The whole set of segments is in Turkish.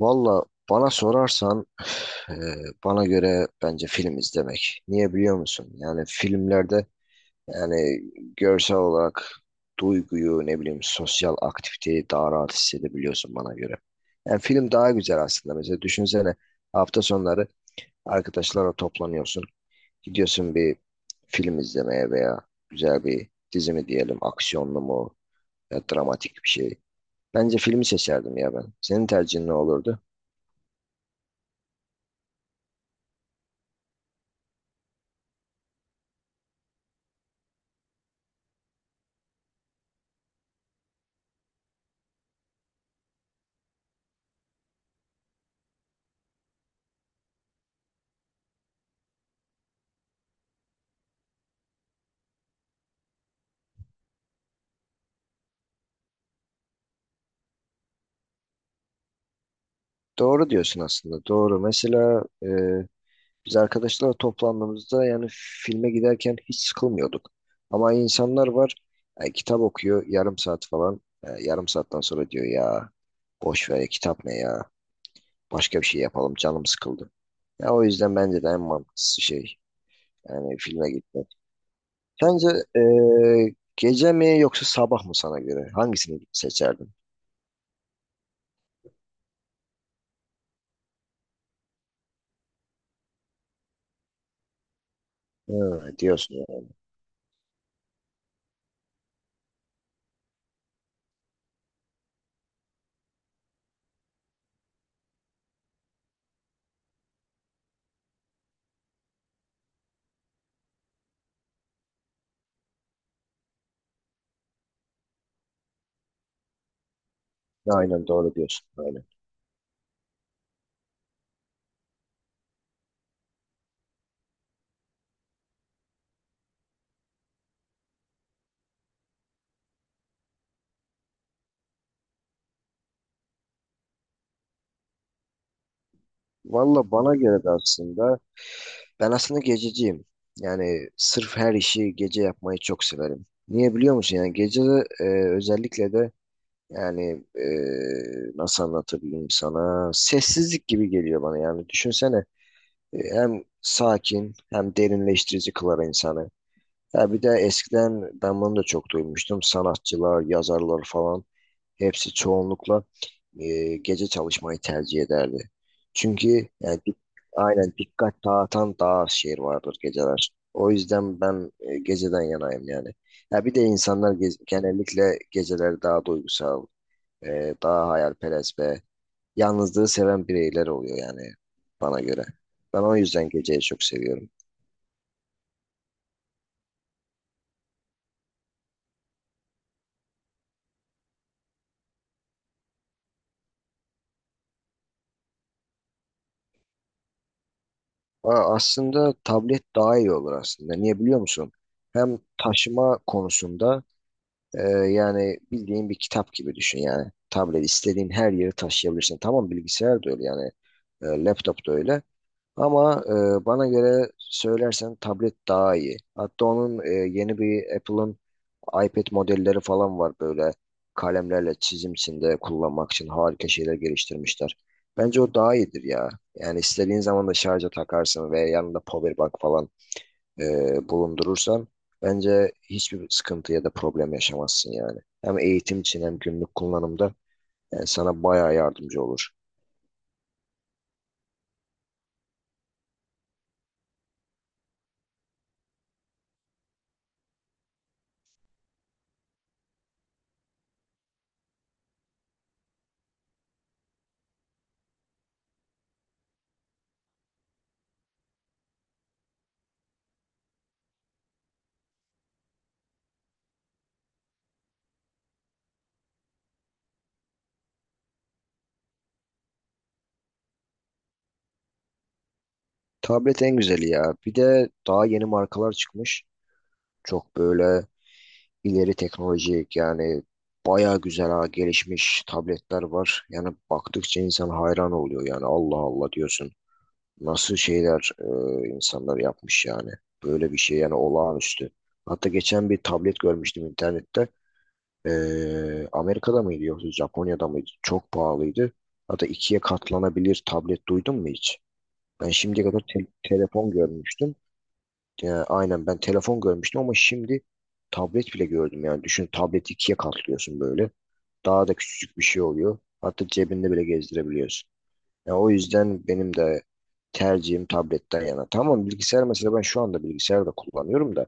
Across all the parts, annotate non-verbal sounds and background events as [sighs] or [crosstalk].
Valla bana sorarsan [sighs] eee, bana göre bence film izlemek. Niye biliyor musun? Yani filmlerde yani görsel olarak duyguyu ne bileyim sosyal aktiviteyi daha rahat hissedebiliyorsun bana göre. Yani film daha güzel aslında. Mesela düşünsene hafta sonları arkadaşlarla toplanıyorsun. Gidiyorsun bir film izlemeye veya güzel bir dizi mi diyelim aksiyonlu mu ya dramatik bir şey. Bence filmi seçerdim ya ben. Senin tercihin ne olurdu? Doğru diyorsun aslında. Doğru. Mesela biz arkadaşlarla toplandığımızda yani filme giderken hiç sıkılmıyorduk. Ama insanlar var kitap okuyor yarım saat falan. Yarım saatten sonra diyor ya boş ver ya, kitap ne ya. Başka bir şey yapalım canım sıkıldı. Ya o yüzden bence de en mantıklısı şey yani filme gitmek. Sence e, gece mi yoksa sabah mı sana göre? Hangisini seçerdin? Ha, diyorsun yani. Aynen doğru diyorsun. Aynen. Valla bana göre de aslında. Ben aslında gececiyim. Yani sırf her işi gece yapmayı çok severim. Niye biliyor musun? Yani gece de, özellikle de yani nasıl anlatabilirim sana? Sessizlik gibi geliyor bana yani. Düşünsene hem sakin hem derinleştirici kılar insanı. Ha bir de eskiden ben bunu da çok duymuştum. Sanatçılar, yazarlar falan. Hepsi çoğunlukla gece çalışmayı tercih ederdi. Çünkü yani, aynen dikkat dağıtan daha az şey vardır geceler. O yüzden ben geceden yanayım yani. Ya bir de insanlar genellikle geceleri daha duygusal, daha hayalperest ve yalnızlığı seven bireyler oluyor yani bana göre. Ben o yüzden geceyi çok seviyorum. Aa, aslında tablet daha iyi olur aslında. Niye biliyor musun? Hem taşıma konusunda. Ee, Yani bildiğin bir kitap gibi düşün yani. Tablet istediğin her yeri taşıyabilirsin. Tamam bilgisayar da öyle yani. E, laptop da öyle. Ama bana göre söylersen tablet daha iyi. Hatta onun yeni bir Apple'ın iPad modelleri falan var böyle kalemlerle çizimsinde kullanmak için harika şeyler geliştirmişler. Bence o daha iyidir ya. Yani istediğin zaman da şarja takarsın veya yanında power bank falan e, bulundurursan bence hiçbir sıkıntı ya da problem yaşamazsın yani. Hem eğitim için hem günlük kullanımda yani sana bayağı yardımcı olur. Tablet en güzeli ya. Bir de daha yeni markalar çıkmış. Çok böyle ileri teknolojik yani bayağı güzel ha, gelişmiş tabletler var. Yani baktıkça insan hayran oluyor yani Allah Allah diyorsun. Nasıl şeyler insanlar yapmış yani. Böyle bir şey yani olağanüstü. Hatta geçen bir tablet görmüştüm internette. Amerika'da mıydı yoksa Japonya'da mıydı? Çok pahalıydı. Hatta ikiye katlanabilir tablet duydun mu hiç? Ben şimdiye kadar telefon görmüştüm. Aynen ben telefon görmüştüm ama şimdi tablet bile gördüm yani. Düşün tableti ikiye katlıyorsun böyle. Daha da küçücük bir şey oluyor. Hatta cebinde bile gezdirebiliyorsun. Ya o yüzden benim de tercihim tabletten yana. Tamam bilgisayar mesela ben şu anda bilgisayar da kullanıyorum da.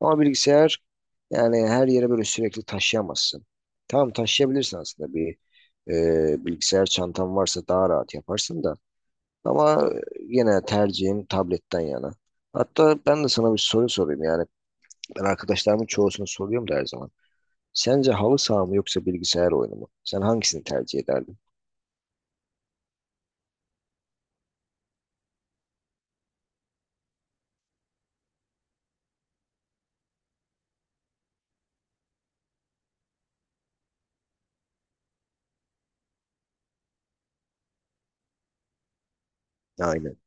Ama bilgisayar yani her yere böyle sürekli taşıyamazsın. Tamam taşıyabilirsin aslında bir bilgisayar çantan varsa daha rahat yaparsın da. Ama yine tercihim tabletten yana. Hatta ben de sana bir soru sorayım yani. Ben arkadaşlarımın çoğusunu soruyorum da her zaman. Sence halı saha mı yoksa bilgisayar oyunu mu? Sen hangisini tercih ederdin? Aynen.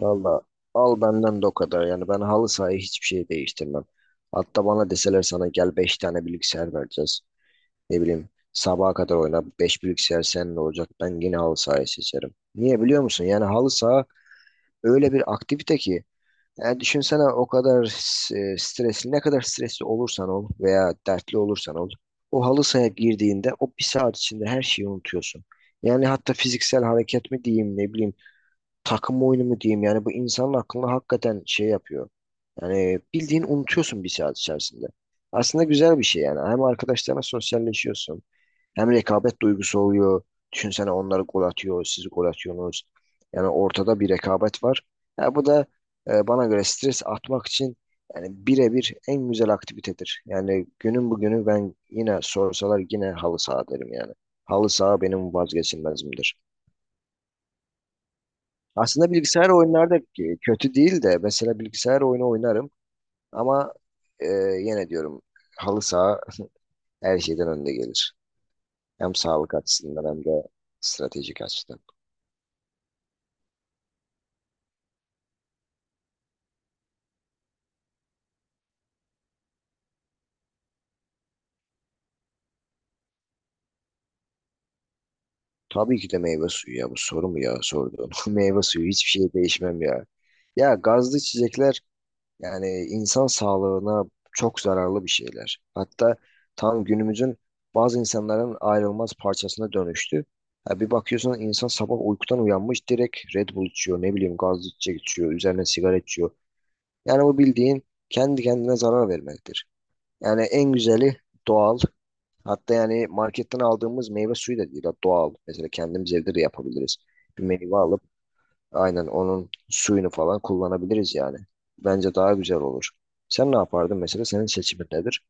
Valla al benden de o kadar. Yani ben halı sahayı hiçbir şey değiştirmem. Hatta bana deseler sana gel 5 tane bilgisayar vereceğiz. Ne bileyim sabaha kadar oyna 5 bilgisayar seninle olacak. Ben yine halı sahayı seçerim. Niye biliyor musun? Yani halı saha öyle bir aktivite ki. Yani düşünsene o kadar stresli ne kadar stresli olursan ol veya dertli olursan ol. O halı sahaya girdiğinde o bir saat içinde her şeyi unutuyorsun. Yani hatta fiziksel hareket mi diyeyim ne bileyim takım oyunu mu diyeyim yani bu insanın aklını hakikaten şey yapıyor. Yani bildiğin unutuyorsun bir saat içerisinde. Aslında güzel bir şey yani. Hem arkadaşlarına sosyalleşiyorsun. Hem rekabet duygusu oluyor. Düşünsene onlar gol atıyor, siz gol atıyorsunuz. Yani ortada bir rekabet var. Ya bu da bana göre stres atmak için yani birebir en güzel aktivitedir. Yani günün bugünü ben yine sorsalar yine halı saha derim yani. Halı saha benim vazgeçilmezimdir. Aslında bilgisayar oyunlarda kötü değil de mesela bilgisayar oyunu oynarım ama e, yine diyorum halı saha her şeyden önde gelir. Hem sağlık açısından hem de stratejik açıdan. Tabii ki de meyve suyu ya bu soru mu ya sorduğun. [laughs] Meyve suyu hiçbir şey değişmem ya. Ya gazlı içecekler. Yani insan sağlığına çok zararlı bir şeyler. Hatta tam günümüzün bazı insanların ayrılmaz parçasına dönüştü. Ha, bir bakıyorsun insan sabah uykudan uyanmış direkt Red Bull içiyor, ne bileyim gazlı içecek içiyor, üzerine sigara içiyor. Yani bu bildiğin kendi kendine zarar vermektir. Yani en güzeli doğal. Hatta yani marketten aldığımız meyve suyu da değil, doğal. Mesela kendimiz evde de yapabiliriz. Bir meyve alıp aynen onun suyunu falan kullanabiliriz yani. Bence daha güzel olur. Sen ne yapardın mesela? Senin seçimin nedir?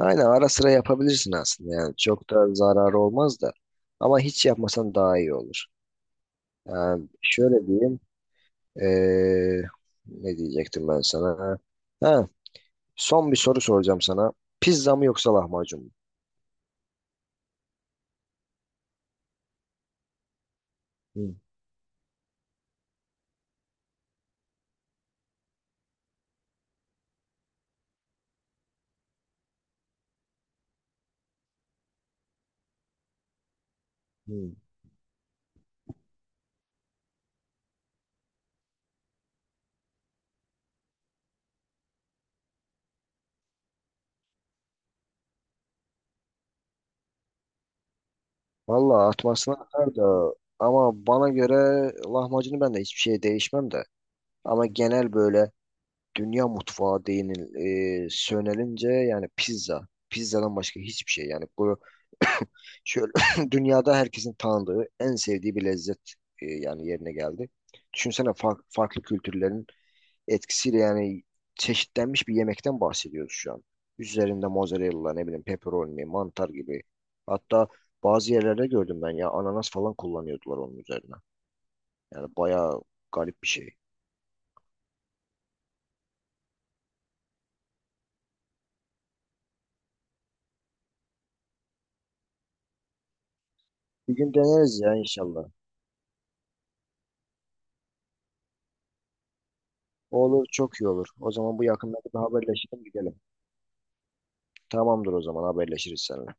Aynen ara sıra yapabilirsin aslında yani. Çok da zararı olmaz da. Ama hiç yapmasan daha iyi olur. Yani şöyle diyeyim. eee, ne diyecektim ben sana? Ha, son bir soru soracağım sana. Pizza mı yoksa lahmacun mu? Hı, hı. Vallahi atmasına atar da ama bana göre lahmacunu ben de hiçbir şey değişmem de. Ama genel böyle dünya mutfağı değinil sönelince yani pizza. Pizzadan başka hiçbir şey yani bu şöyle [coughs] [clears throat] dünyada herkesin tanıdığı en sevdiği bir lezzet yani yerine geldi. Düşünsene farklı kültürlerin etkisiyle yani çeşitlenmiş bir yemekten bahsediyoruz şu an. Üzerinde mozzarella ne bileyim pepperoni, mantar gibi. Hatta bazı yerlerde gördüm ben ya ananas falan kullanıyordular onun üzerine. Yani bayağı garip bir şey. Bir gün deneriz ya inşallah. Olur çok iyi olur. O zaman bu yakınlarda bir haberleşelim gidelim. Tamamdır o zaman haberleşiriz seninle.